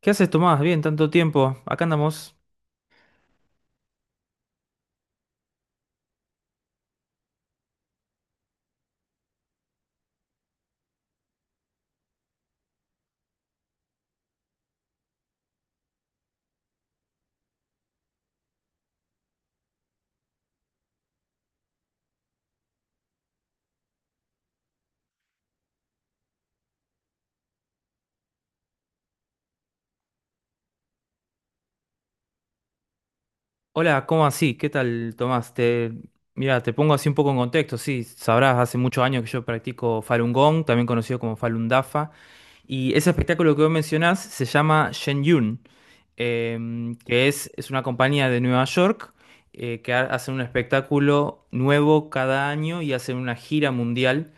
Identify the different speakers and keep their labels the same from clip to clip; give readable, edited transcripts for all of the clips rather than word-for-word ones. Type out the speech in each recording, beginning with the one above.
Speaker 1: ¿Qué haces, Tomás? Bien, tanto tiempo. Acá andamos. Hola, ¿cómo así? ¿Qué tal, Tomás? Mira, te pongo así un poco en contexto. Sí, sabrás, hace muchos años que yo practico Falun Gong, también conocido como Falun Dafa, y ese espectáculo que vos mencionás se llama Shen Yun. Que es una compañía de Nueva York que hacen un espectáculo nuevo cada año y hacen una gira mundial.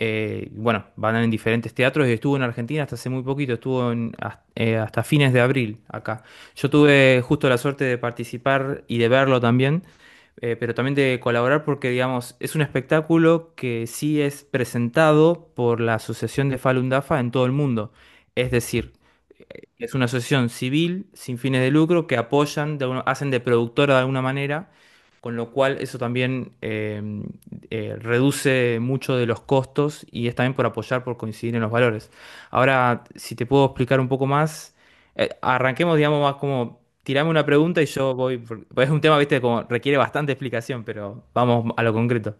Speaker 1: Bueno, van en diferentes teatros y estuvo en Argentina hasta hace muy poquito, hasta fines de abril acá. Yo tuve justo la suerte de participar y de verlo también, pero también de colaborar porque, digamos, es un espectáculo que sí es presentado por la Asociación de Falun Dafa en todo el mundo. Es decir, que es una asociación civil sin fines de lucro que apoyan, hacen de productora de alguna manera, con lo cual eso también reduce mucho de los costos y es también por apoyar, por coincidir en los valores. Ahora, si te puedo explicar un poco más, arranquemos, digamos, más como tirame una pregunta y yo voy, porque es un tema, viste, como requiere bastante explicación, pero vamos a lo concreto.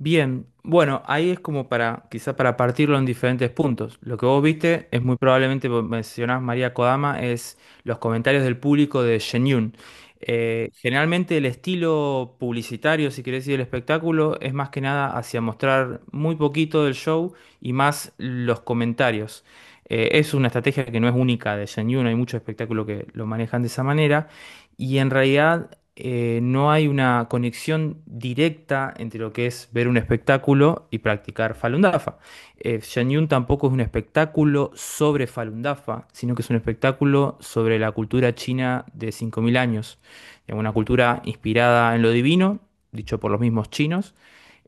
Speaker 1: Bien, bueno, ahí es como para, quizá para partirlo en diferentes puntos. Lo que vos viste es muy probablemente, vos mencionás María Kodama, es los comentarios del público de Shenyun. Generalmente el estilo publicitario, si querés decir, del espectáculo es más que nada hacia mostrar muy poquito del show y más los comentarios. Es una estrategia que no es única de Shenyun, hay muchos espectáculos que lo manejan de esa manera. Y en realidad no hay una conexión directa entre lo que es ver un espectáculo y practicar Falun Dafa. Shan Yun tampoco es un espectáculo sobre Falun Dafa, sino que es un espectáculo sobre la cultura china de 5000 años. Una cultura inspirada en lo divino, dicho por los mismos chinos,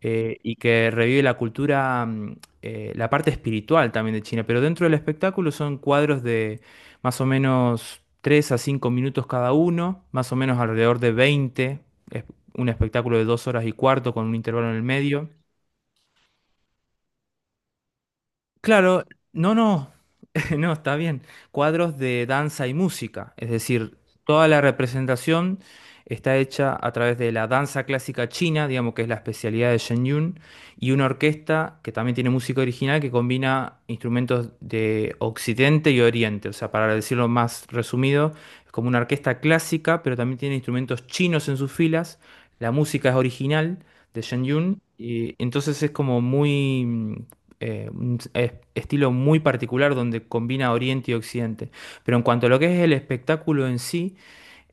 Speaker 1: y que revive la cultura, la parte espiritual también de China. Pero dentro del espectáculo son cuadros de más o menos 3 a 5 minutos cada uno, más o menos alrededor de 20. Es un espectáculo de 2 horas y cuarto con un intervalo en el medio. Claro, no, no, no, está bien. Cuadros de danza y música. Es decir, toda la representación está hecha a través de la danza clásica china, digamos que es la especialidad de Shen Yun, y una orquesta que también tiene música original que combina instrumentos de Occidente y Oriente. O sea, para decirlo más resumido, es como una orquesta clásica, pero también tiene instrumentos chinos en sus filas. La música es original de Shen Yun, y entonces es como muy un estilo muy particular donde combina Oriente y Occidente. Pero en cuanto a lo que es el espectáculo en sí,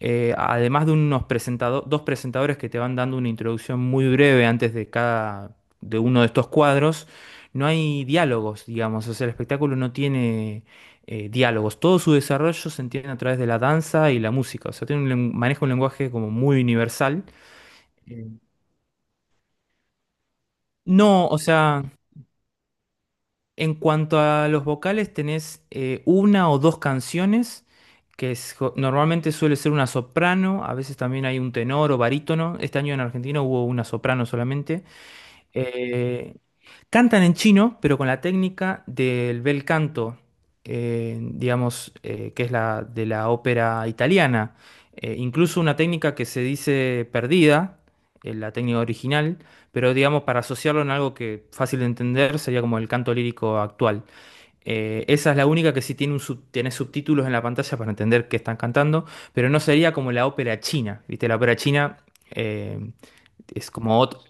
Speaker 1: además de dos presentadores que te van dando una introducción muy breve antes de cada, de uno de estos cuadros, no hay diálogos, digamos. O sea, el espectáculo no tiene diálogos. Todo su desarrollo se entiende a través de la danza y la música. O sea, tiene maneja un lenguaje como muy universal. Eh, No, o sea, en cuanto a los vocales, tenés una o dos canciones, normalmente suele ser una soprano, a veces también hay un tenor o barítono. Este año en Argentina hubo una soprano solamente. Eh, Cantan en chino, pero con la técnica del bel canto, digamos, que es la de la ópera italiana. Incluso una técnica que se dice perdida, en la técnica original, pero digamos, para asociarlo en algo que fácil de entender sería como el canto lírico actual. Esa es la única que sí tiene, tiene subtítulos en la pantalla para entender qué están cantando, pero no sería como la ópera china, ¿viste? La ópera china eh, es como otro...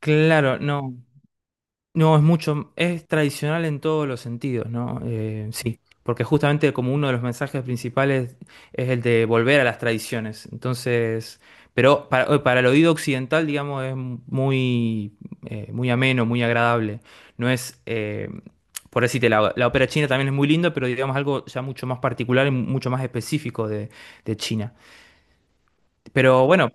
Speaker 1: Claro, no. No, es tradicional en todos los sentidos, ¿no? Sí, porque justamente como uno de los mensajes principales es el de volver a las tradiciones. Entonces, pero para el oído occidental, digamos, es muy ameno, muy agradable. No es, por decirte, la ópera china también es muy linda, pero digamos algo ya mucho más particular y mucho más específico de China. Pero bueno,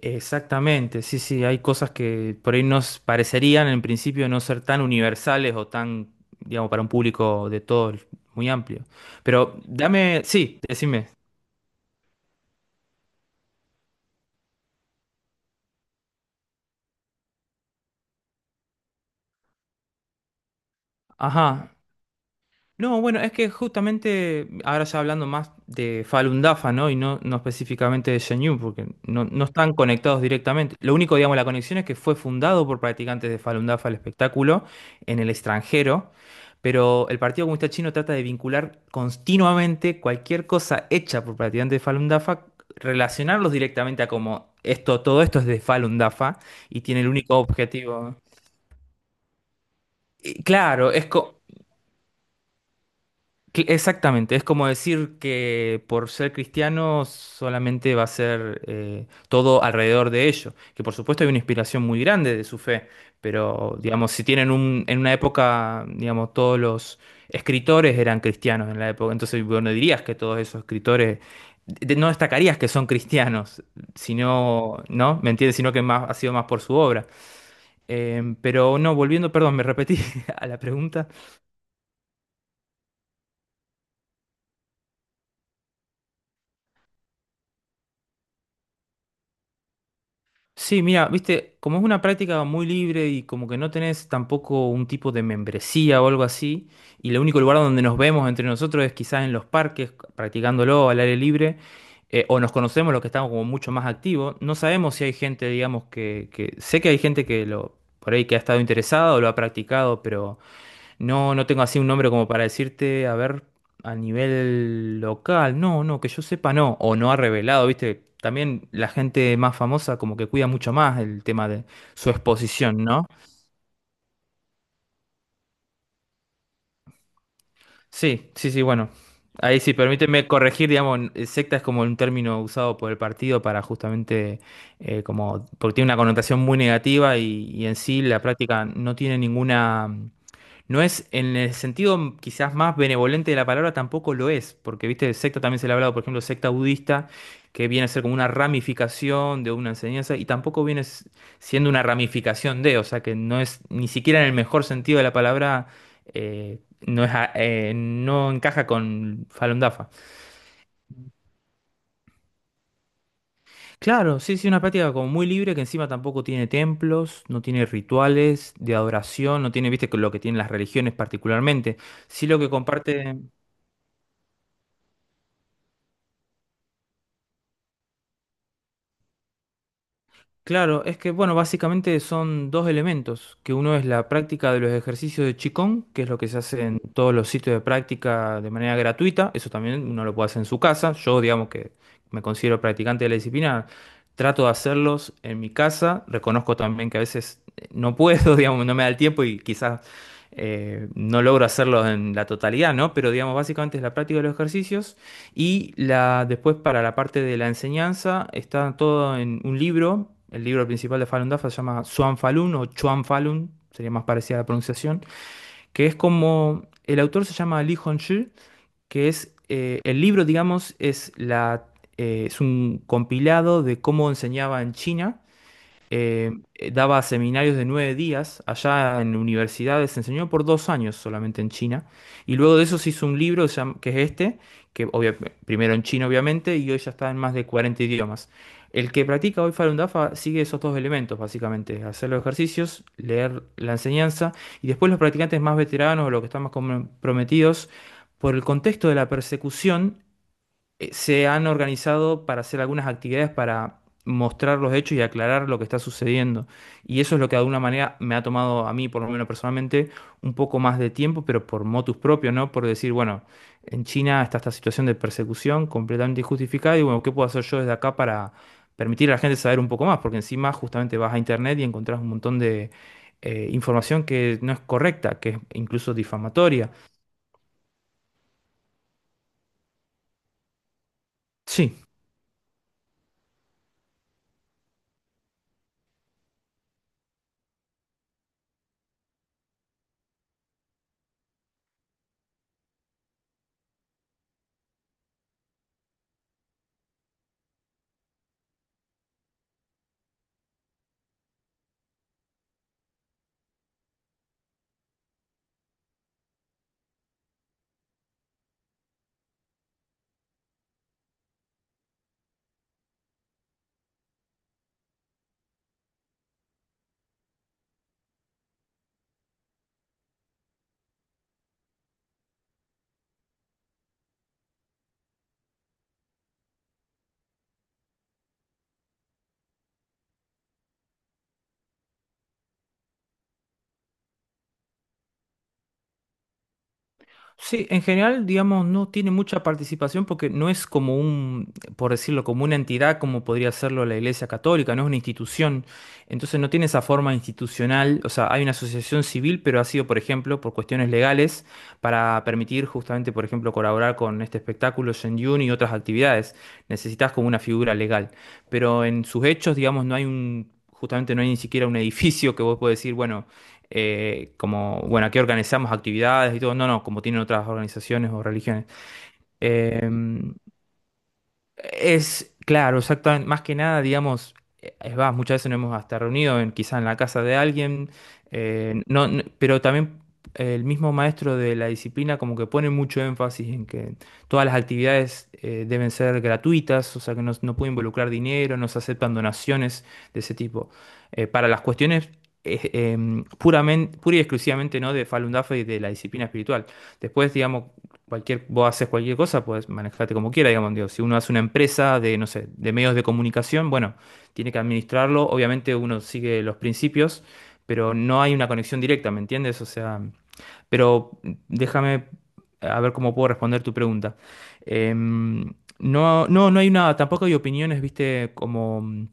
Speaker 1: exactamente, sí, sí, hay cosas que por ahí nos parecerían en principio no ser tan universales o tan, digamos, para un público muy amplio. Pero dame, sí, decime. Ajá. No, bueno, es que justamente ahora ya hablando más de Falun Dafa, ¿no? Y no, no específicamente de Shen Yun, porque no, no están conectados directamente. Lo único, digamos, la conexión es que fue fundado por practicantes de Falun Dafa el espectáculo en el extranjero, pero el Partido Comunista Chino trata de vincular continuamente cualquier cosa hecha por practicantes de Falun Dafa, relacionarlos directamente a como esto, todo esto es de Falun Dafa y tiene el único objetivo. Y claro, exactamente, es como decir que por ser cristiano solamente va a ser todo alrededor de ello, que por supuesto hay una inspiración muy grande de su fe, pero digamos, si tienen en una época, digamos, todos los escritores eran cristianos en la época, entonces bueno, dirías que todos esos escritores, no destacarías que son cristianos, sino, ¿no? ¿Me entiendes? Sino que más, ha sido más por su obra. Pero no, volviendo, perdón, me repetí a la pregunta. Sí, mira, viste, como es una práctica muy libre y como que no tenés tampoco un tipo de membresía o algo así, y el único lugar donde nos vemos entre nosotros es quizás en los parques, practicándolo al aire libre, o nos conocemos los que estamos como mucho más activos. No sabemos si hay gente, digamos, que sé que hay gente que lo, por ahí que ha estado interesada o lo ha practicado, pero no, no tengo así un nombre como para decirte, a ver, a nivel local, no, no, que yo sepa, no, o no ha revelado, ¿viste? También la gente más famosa como que cuida mucho más el tema de su exposición, ¿no? Sí, sí, sí, bueno. Ahí sí, permíteme corregir, digamos, secta es como un término usado por el partido para justamente, como, porque tiene una connotación muy negativa y en sí la práctica no tiene ninguna. No es, en el sentido quizás más benevolente de la palabra, tampoco lo es, porque, viste, de secta también se le ha hablado, por ejemplo, secta budista, que viene a ser como una ramificación de una enseñanza, y tampoco viene siendo una ramificación de, o sea, que no es, ni siquiera en el mejor sentido de la palabra, eh, no es, no encaja con Falun Dafa. Claro, sí, sí, una práctica como muy libre, que encima tampoco tiene templos, no tiene rituales de adoración, no tiene, viste, lo que tienen las religiones particularmente. Sí, lo que comparte. Claro, es que bueno, básicamente son dos elementos, que uno es la práctica de los ejercicios de Qigong, que es lo que se hace en todos los sitios de práctica de manera gratuita, eso también uno lo puede hacer en su casa. Yo digamos que me considero practicante de la disciplina, trato de hacerlos en mi casa, reconozco también que a veces no puedo, digamos, no me da el tiempo y quizás no logro hacerlos en la totalidad, ¿no? Pero digamos, básicamente es la práctica de los ejercicios. Y la, después para la parte de la enseñanza está todo en un libro. El libro principal de Falun Dafa se llama Zhuang Falun o Chuan Falun, sería más parecida a la pronunciación, que es como el autor se llama Li Hongzhi, que es el libro, digamos, es un compilado de cómo enseñaba en China, daba seminarios de 9 días allá en universidades, enseñó por 2 años solamente en China. Y luego de eso se hizo un libro que es este, que obvia- primero en China obviamente, y hoy ya está en más de 40 idiomas. El que practica hoy Falun Dafa sigue esos dos elementos, básicamente, hacer los ejercicios, leer la enseñanza, y después los practicantes más veteranos o los que están más comprometidos, por el contexto de la persecución, se han organizado para hacer algunas actividades para mostrar los hechos y aclarar lo que está sucediendo. Y eso es lo que de alguna manera me ha tomado a mí, por lo menos personalmente, un poco más de tiempo, pero por motus propio, ¿no? Por decir, bueno, en China está esta situación de persecución completamente injustificada y bueno, ¿qué puedo hacer yo desde acá para permitir a la gente saber un poco más? Porque encima justamente vas a internet y encontrás un montón de información que no es correcta, que es incluso difamatoria. Sí. Sí, en general, digamos, no tiene mucha participación porque no es como un, por decirlo, como una entidad como podría serlo la Iglesia Católica, no es una institución. Entonces no tiene esa forma institucional, o sea, hay una asociación civil, pero ha sido, por ejemplo, por cuestiones legales, para permitir justamente, por ejemplo, colaborar con este espectáculo Shenyun y otras actividades. Necesitas como una figura legal. Pero en sus hechos, digamos, no hay justamente no hay ni siquiera un edificio que vos puedas decir, bueno, como, bueno, aquí organizamos actividades y todo, no, no, como tienen otras organizaciones o religiones. Eh, claro, exactamente, más que nada, digamos, muchas veces nos hemos hasta reunido en, quizá en la casa de alguien, no, pero también el mismo maestro de la disciplina como que pone mucho énfasis en que todas las actividades deben ser gratuitas, o sea que no, no puede involucrar dinero, no se aceptan donaciones de ese tipo. Para las cuestiones pura y exclusivamente, ¿no? de Falun Dafa y de la disciplina espiritual. Después, digamos, cualquier, vos haces cualquier cosa, pues manejate como quiera, digamos, digo, si uno hace una empresa de, no sé, de medios de comunicación, bueno, tiene que administrarlo, obviamente uno sigue los principios, pero no hay una conexión directa, ¿me entiendes? O sea, pero déjame a ver cómo puedo responder tu pregunta. Em, no, no, no hay una, tampoco hay opiniones, viste, como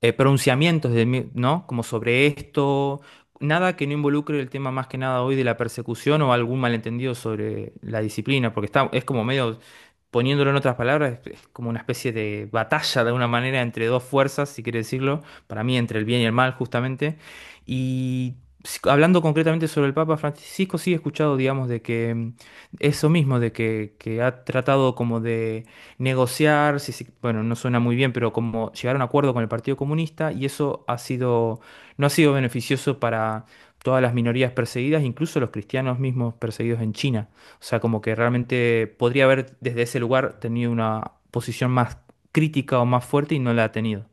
Speaker 1: pronunciamientos de mi- ¿no? Como sobre esto, nada que no involucre el tema más que nada hoy de la persecución o algún malentendido sobre la disciplina, porque está, es como medio, poniéndolo en otras palabras, es, como una especie de batalla de alguna manera entre dos fuerzas, si quiere decirlo, para mí entre el bien y el mal justamente. Y hablando concretamente sobre el Papa Francisco, sí he escuchado, digamos, de que eso mismo, de que ha tratado como de negociar, bueno, no suena muy bien, pero como llegar a un acuerdo con el Partido Comunista y eso ha sido, no ha sido beneficioso para todas las minorías perseguidas, incluso los cristianos mismos perseguidos en China. O sea, como que realmente podría haber desde ese lugar tenido una posición más crítica o más fuerte y no la ha tenido.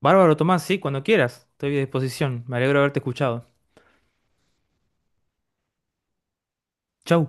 Speaker 1: Bárbaro, Tomás, sí, cuando quieras, estoy a disposición. Me alegro de haberte escuchado. Chau.